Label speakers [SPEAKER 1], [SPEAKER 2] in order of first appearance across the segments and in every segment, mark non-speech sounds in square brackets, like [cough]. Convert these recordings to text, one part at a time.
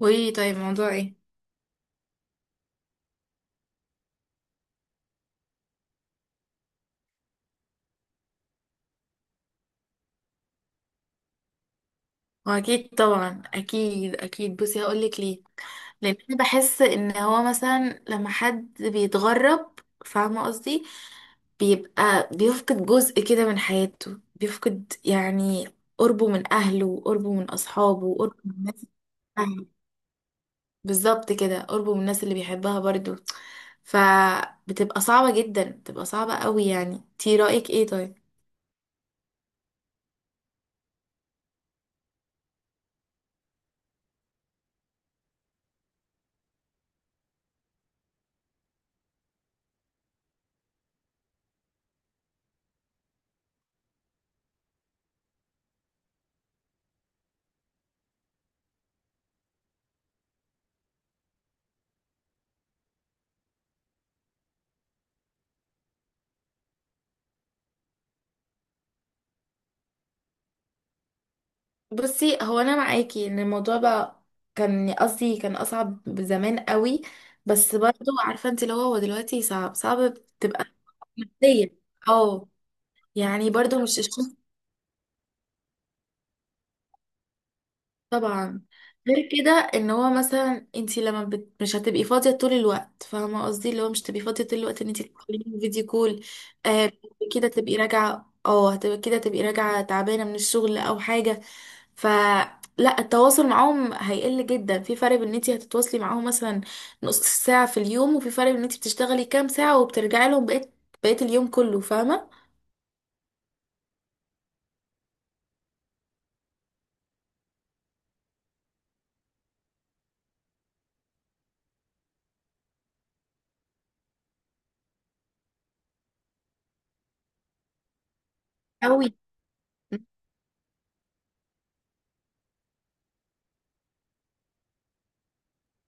[SPEAKER 1] وايه؟ طيب، موضوع ايه؟ واكيد طبعا، اكيد اكيد. بصي، هقولك ليه. لان انا بحس ان هو مثلا لما حد بيتغرب، فاهمه قصدي، بيبقى بيفقد جزء كده من حياته، بيفقد يعني قربه من اهله، قربه من اصحابه، قربه من الناس اللي بيحبها. بالظبط كده، قربه من الناس اللي بيحبها برضو. فبتبقى صعبه جدا، بتبقى صعبه قوي يعني. تي رايك ايه طيب؟ بصي، هو انا معاكي ان الموضوع بقى كان قصدي كان اصعب زمان قوي. بس برضو عارفه انت اللي هو دلوقتي صعب صعب، بتبقى نفسيا. اه، يعني برضو مش الشخص. طبعا. غير كده، ان هو مثلا انت مش هتبقي فاضيه طول الوقت، فاهمه قصدي، اللي هو مش تبقي فاضيه طول الوقت ان انت تتكلمي فيديو كول. آه، كده تبقي راجعه اه هتبقى كده تبقي راجعه تعبانه من الشغل او حاجه. فلا، التواصل معاهم هيقل جدا. في فرق بين ان انت هتتواصلي معاهم مثلا نص ساعه في اليوم، وفي فرق بين ان انت بتشتغلي كام ساعه وبترجعي لهم بقيت اليوم كله، فاهمه. قوي.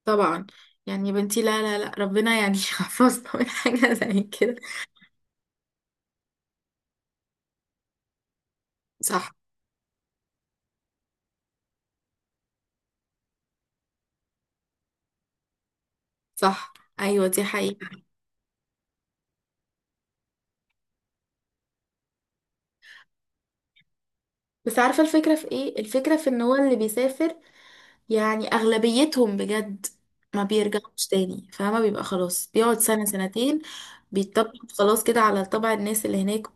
[SPEAKER 1] طبعا. يعني يا بنتي، لا لا لا، ربنا يعني [laughs] يحفظنا من حاجه زي كده. صح. صح. ايوه، دي حقيقة. بس عارفة الفكرة في ايه، الفكرة في ان هو اللي بيسافر يعني اغلبيتهم بجد ما بيرجعوش تاني. فما بيبقى خلاص، بيقعد سنة سنتين، بيتطبق خلاص كده على طبع الناس اللي هناك.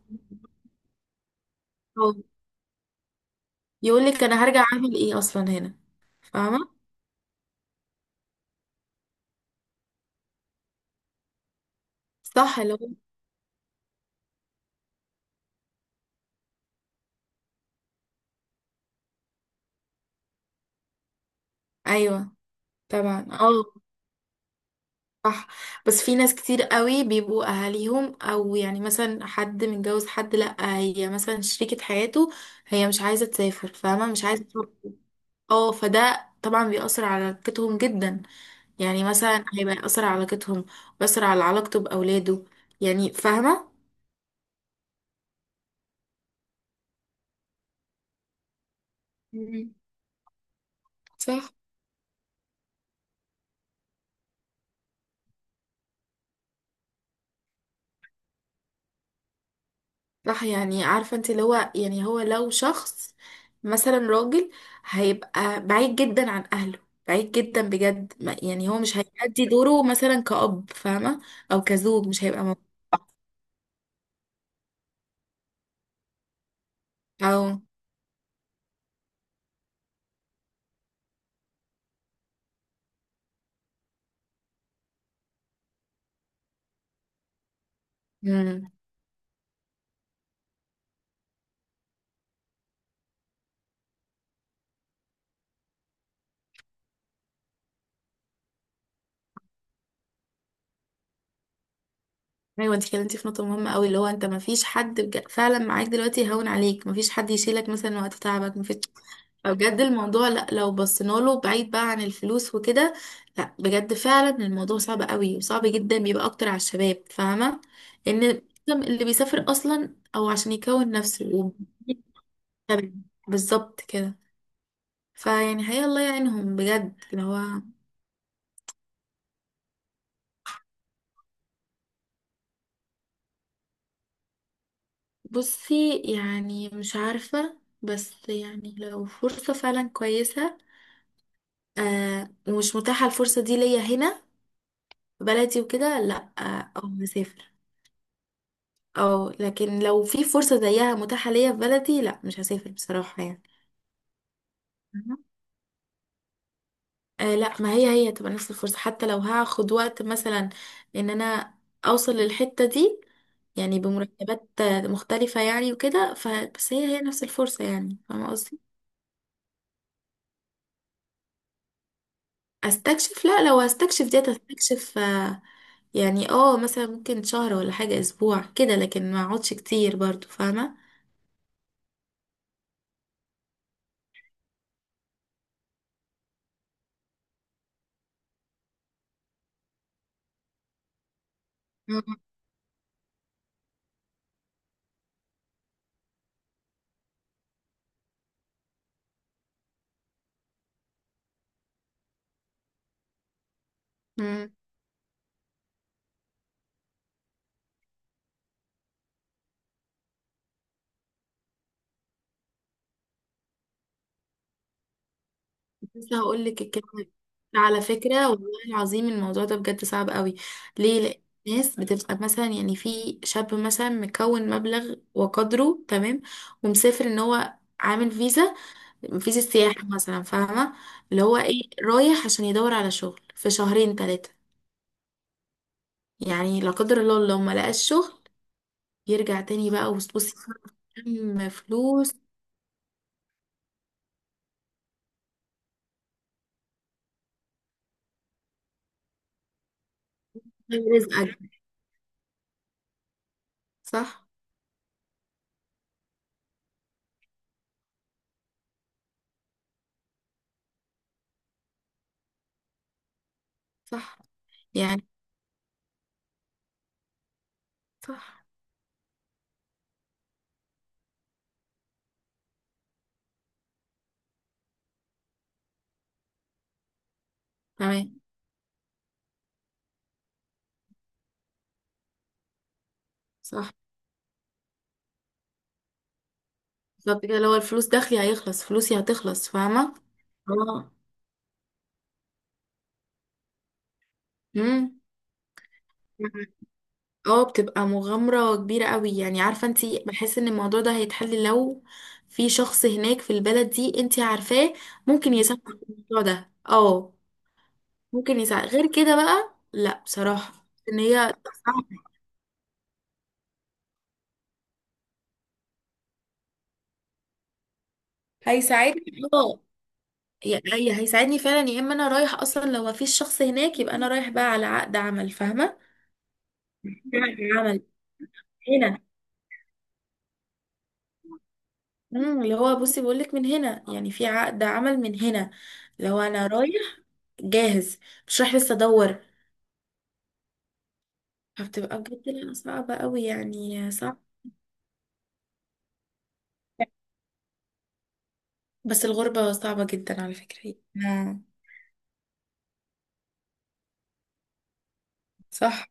[SPEAKER 1] يقول لك انا هرجع اعمل ايه اصلا هنا؟ فاهمة. صح، اللي هو ايوه طبعا اه صح. بس في ناس كتير قوي بيبقوا اهاليهم، او يعني مثلا حد متجوز، حد لا، هي مثلا شريكة حياته هي مش عايزة تسافر، فاهمة، مش عايزة. اه، فده طبعا بيأثر على علاقتهم جدا. يعني مثلا هيبقى يأثر على علاقتهم، بيأثر على علاقته بأولاده، يعني فاهمة. مم. صح صح. يعني عارفة انت اللي هو، يعني هو لو شخص مثلا راجل، هيبقى بعيد جدا عن أهله، بعيد جدا بجد. يعني هو مش هيأدي دوره مثلا كأب، فاهمة، أو كزوج، مش هيبقى موجود. أو. مم. ايوه، انت كلمتي في نقطه مهمه قوي، اللي هو انت ما فيش حد فعلا معاك دلوقتي يهون عليك، ما فيش حد يشيلك مثلا وقت تعبك، ما فيش. فبجد الموضوع، لا لو بصينا له بعيد بقى عن الفلوس وكده، لا بجد فعلا الموضوع صعب قوي، وصعب جدا بيبقى اكتر على الشباب، فاهمه. ان اللي بيسافر اصلا او عشان يكون نفسه بالظبط كده. فيعني هي الله يعينهم بجد اللي هو. بصي، يعني مش عارفة، بس يعني لو فرصة فعلا كويسة، ومش متاحة الفرصة دي ليا هنا في بلدي وكده، لا او هسافر. او لكن لو في فرصة زيها متاحة ليا في بلدي، لا مش هسافر بصراحة يعني. مهم. آه، لا، ما هي هتبقى نفس الفرصة، حتى لو هاخد وقت مثلا ان انا اوصل للحتة دي. يعني بمرتبات مختلفة يعني وكده، فبس هي نفس الفرصة، يعني فاهمة قصدي. استكشف، لا لو هستكشف ديت هستكشف يعني مثلا ممكن شهر ولا حاجة، اسبوع كده، لكن ما اقعدش كتير برضو، فاهمة. مم. مم. لسه هقول لك الكلمة. على فكرة والله العظيم الموضوع ده بجد صعب قوي. ليه؟ لأن الناس بتبقى مثلا، يعني في شاب مثلا مكون مبلغ وقدره، تمام، ومسافر ان هو عامل فيزا، فيزا السياحة مثلا، فاهمة، اللي هو ايه رايح عشان يدور على شغل في شهرين ثلاثة. يعني لا قدر الله لو ما لقاش شغل، يرجع تاني بقى. وبصي كم فلوس رزقك. صح صح يعني صح تمام صح. بالظبط كده، لو الفلوس دخلي، هيخلص فلوسي، هتخلص، فاهمة. اه. امم اه، بتبقى مغامرة كبيرة قوي، يعني عارفة انتي، بحس ان الموضوع ده هيتحل لو في شخص هناك في البلد دي انتي عارفاه ممكن يساعدك في الموضوع ده. اه، ممكن يساعد غير كده بقى، لا بصراحة. ان هي هيساعدني يعني هيساعدني فعلا. يا اما انا رايح اصلا، لو مفيش شخص هناك يبقى انا رايح بقى على عقد عمل، فاهمة، عقد عمل هنا. اللي هو بصي بقولك، من هنا، يعني في عقد عمل من هنا. لو انا رايح جاهز، مش رايح لسه ادور. فبتبقى بجد، لا صعبة قوي يعني، صعب. بس الغربة صعبة جدا على فكرة. آه، صح.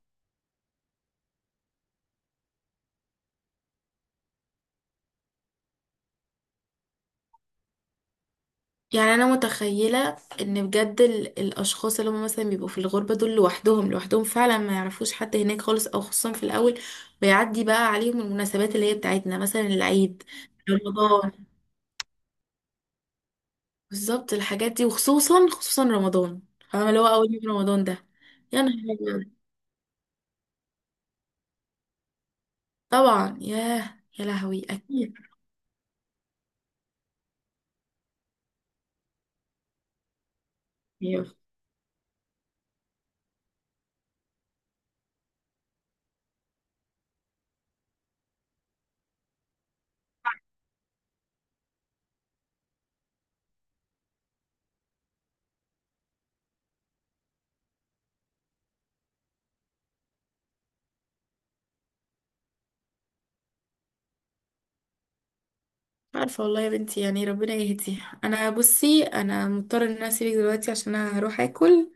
[SPEAKER 1] يعني انا متخيلة ان بجد الاشخاص اللي هم مثلا بيبقوا في الغربة دول لوحدهم، لوحدهم فعلا ما يعرفوش حد هناك خالص، او خصوصا في الاول بيعدي بقى عليهم المناسبات اللي هي بتاعتنا، مثلا العيد، رمضان. بالظبط الحاجات دي، وخصوصا خصوصا رمضان، فاهمة، اللي هو أول يوم رمضان ده. يا نهار أبيض. طبعا. ياه، يا لهوي، أكيد. أيوه، مش عارفة والله يا بنتي، يعني ربنا يهدي. أنا بصي، أنا مضطرة إن أنا أسيبك دلوقتي عشان أنا هروح أكل.